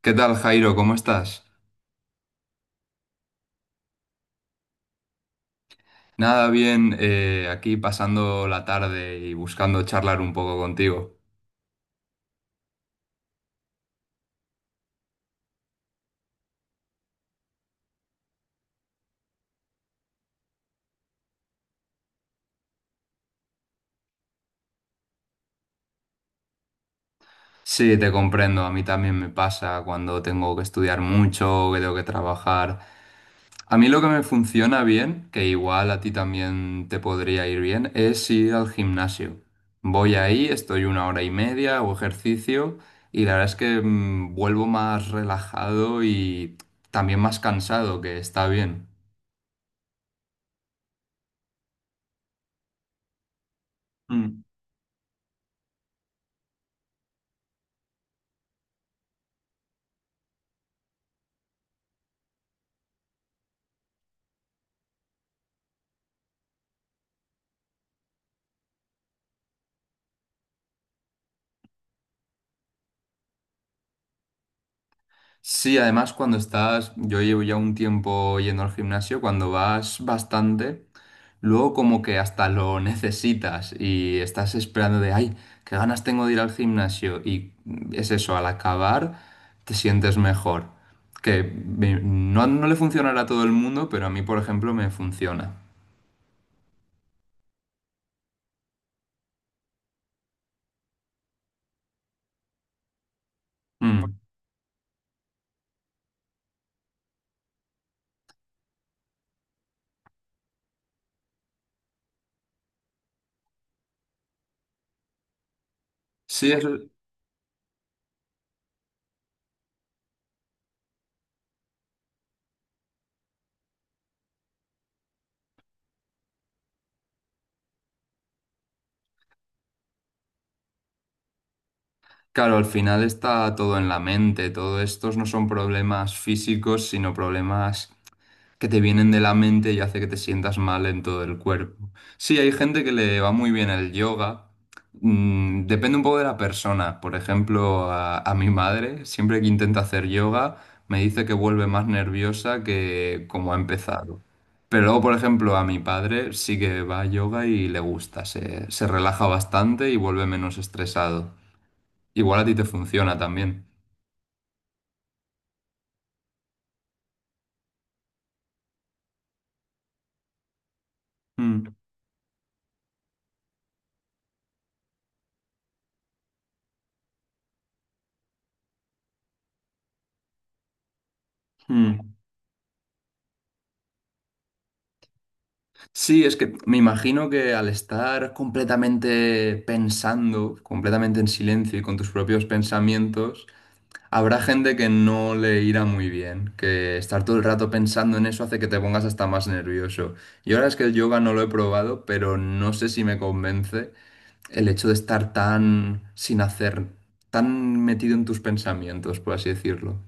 ¿Qué tal, Jairo? ¿Cómo estás? Nada, bien, aquí pasando la tarde y buscando charlar un poco contigo. Sí, te comprendo, a mí también me pasa cuando tengo que estudiar mucho, que tengo que trabajar. A mí lo que me funciona bien, que igual a ti también te podría ir bien, es ir al gimnasio. Voy ahí, estoy una hora y media, hago ejercicio y la verdad es que vuelvo más relajado y también más cansado, que está bien. Mm. Sí, además cuando estás, yo llevo ya un tiempo yendo al gimnasio, cuando vas bastante, luego como que hasta lo necesitas y estás esperando de, ay, qué ganas tengo de ir al gimnasio y es eso, al acabar te sientes mejor. Que me- no le funcionará a todo el mundo, pero a mí, por ejemplo, me funciona. Mm. Sí, eso, claro, al final está todo en la mente, todo estos no son problemas físicos, sino problemas que te vienen de la mente y hace que te sientas mal en todo el cuerpo. Sí, hay gente que le va muy bien el yoga. Mm, depende un poco de la persona. Por ejemplo, a mi madre, siempre que intenta hacer yoga, me dice que vuelve más nerviosa que como ha empezado. Pero luego, por ejemplo, a mi padre sí que va a yoga y le gusta, se relaja bastante y vuelve menos estresado. Igual a ti te funciona también. Mm, mm. Sí, es que me imagino que al estar completamente pensando, completamente en silencio y con tus propios pensamientos, habrá gente que no le irá muy bien, que estar todo el rato pensando en eso hace que te pongas hasta más nervioso. Y ahora es que el yoga no lo he probado, pero no sé si me convence el hecho de estar tan sin hacer, tan metido en tus pensamientos, por así decirlo.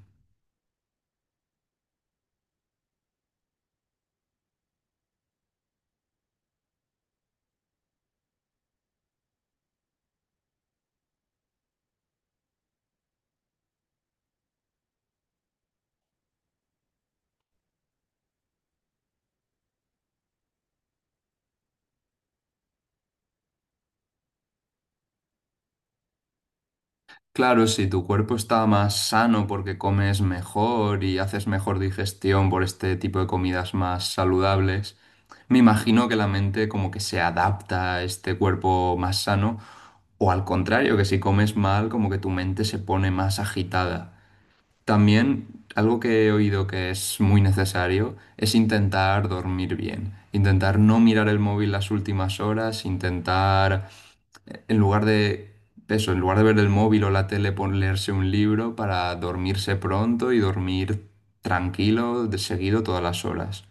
Claro, si tu cuerpo está más sano porque comes mejor y haces mejor digestión por este tipo de comidas más saludables, me imagino que la mente como que se adapta a este cuerpo más sano o al contrario, que si comes mal como que tu mente se pone más agitada. También algo que he oído que es muy necesario es intentar dormir bien, intentar no mirar el móvil las últimas horas, intentar en lugar de eso, en lugar de ver el móvil o la tele, pon- leerse un libro para dormirse pronto y dormir tranquilo de seguido todas las horas.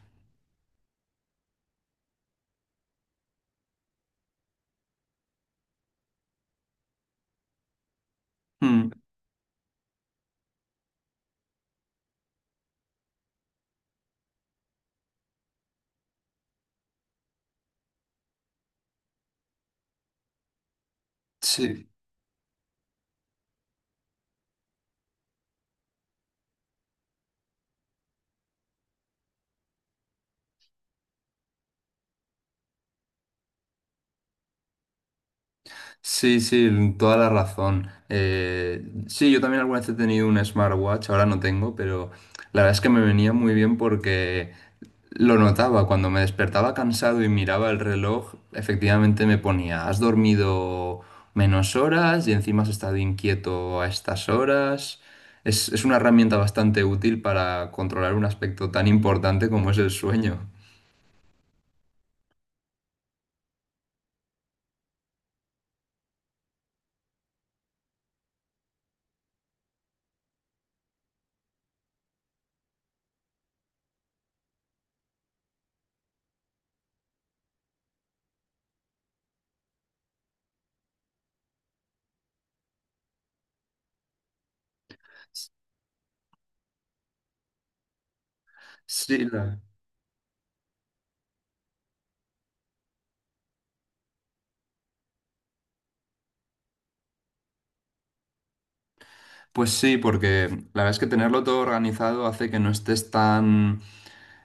Mm, sí, sí, sí, toda la razón. Sí, yo también alguna vez he tenido un smartwatch, ahora no tengo, pero la verdad es que me venía muy bien porque lo notaba, cuando me despertaba cansado y miraba el reloj, efectivamente me ponía, has dormido menos horas y encima has estado inquieto a estas horas. Es una herramienta bastante útil para controlar un aspecto tan importante como es el sueño. Sí, la- pues sí, porque la verdad es que tenerlo todo organizado hace que no estés tan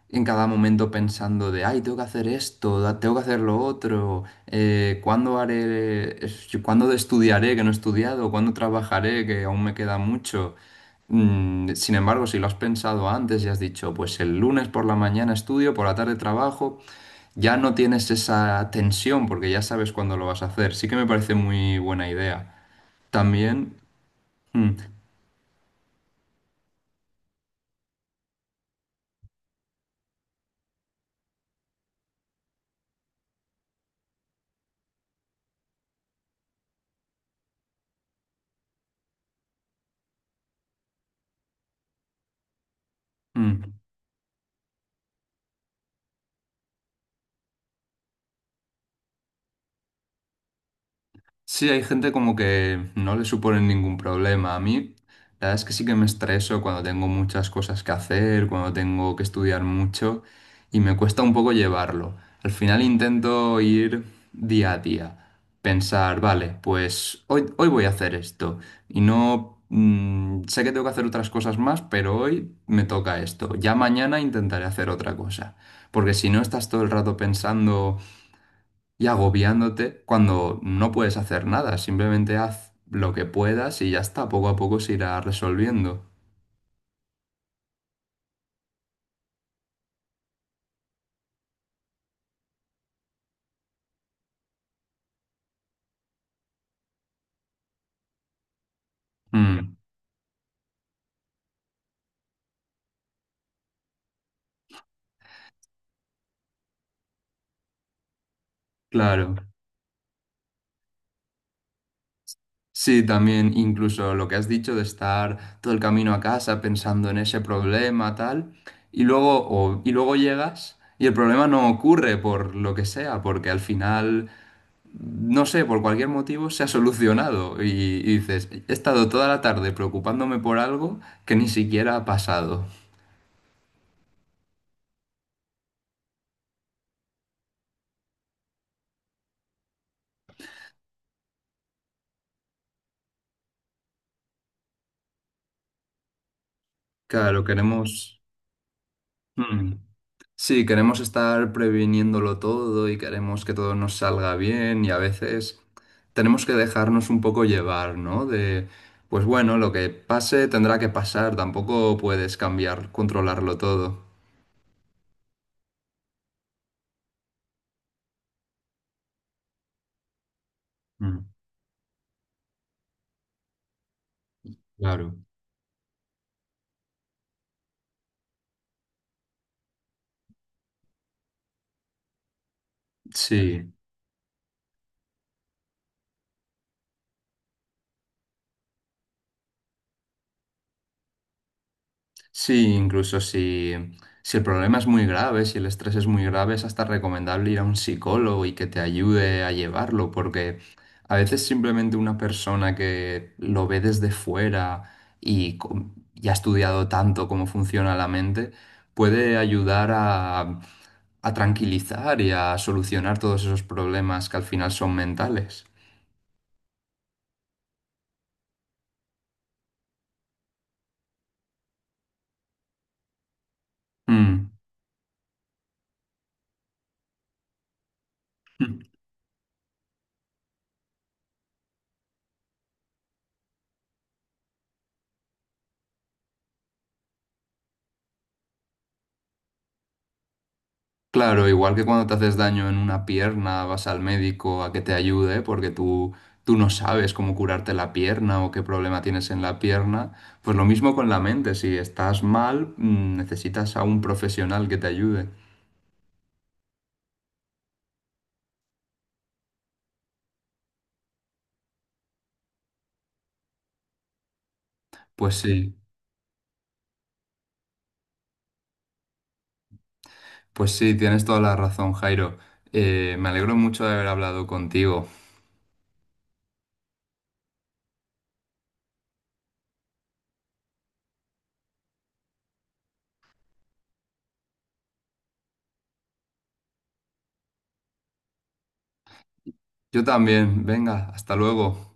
en cada momento pensando de, ay, tengo que hacer esto, da- tengo que hacer lo otro, ¿cuándo haré, es- yo- cuándo estudiaré que no he estudiado, cuándo trabajaré que aún me queda mucho? Mm, sin embargo, si lo has pensado antes y has dicho, pues el lunes por la mañana estudio, por la tarde trabajo, ya no tienes esa tensión porque ya sabes cuándo lo vas a hacer. Sí que me parece muy buena idea. También... mm, mm, sí, hay gente como que no le supone ningún problema. A mí, la verdad es que sí que me estreso cuando tengo muchas cosas que hacer, cuando tengo que estudiar mucho y me cuesta un poco llevarlo. Al final intento ir día a día, pensar, vale, pues hoy voy a hacer esto y no... sé que tengo que hacer otras cosas más, pero hoy me toca esto. Ya mañana intentaré hacer otra cosa. Porque si no estás todo el rato pensando y agobiándote cuando no puedes hacer nada. Simplemente haz lo que puedas y ya está. Poco a poco se irá resolviendo. Mm, claro. Sí, también incluso lo que has dicho de estar todo el camino a casa pensando en ese problema, tal, y luego, o- y luego llegas y el problema no ocurre por lo que sea, porque al final, no sé, por cualquier motivo se ha solucionado y dices, he estado toda la tarde preocupándome por algo que ni siquiera ha pasado. Claro, queremos... Mm. Sí, queremos estar previniéndolo todo y queremos que todo nos salga bien y a veces tenemos que dejarnos un poco llevar, ¿no? De, pues bueno, lo que pase tendrá que pasar, tampoco puedes cambiar, controlarlo todo. Mm, claro. Sí. Sí, incluso si, si el problema es muy grave, si el estrés es muy grave, es hasta recomendable ir a un psicólogo y que te ayude a llevarlo, porque a veces simplemente una persona que lo ve desde fuera y, com- y ha estudiado tanto cómo funciona la mente, puede ayudar a tranquilizar y a solucionar todos esos problemas que al final son mentales. Mm. Claro, igual que cuando te haces daño en una pierna, vas al médico a que te ayude porque tú no sabes cómo curarte la pierna o qué problema tienes en la pierna, pues lo mismo con la mente, si estás mal, necesitas a un profesional que te ayude. Pues sí, pues sí, tienes toda la razón, Jairo. Me alegro mucho de haber hablado contigo. Yo también, venga, hasta luego.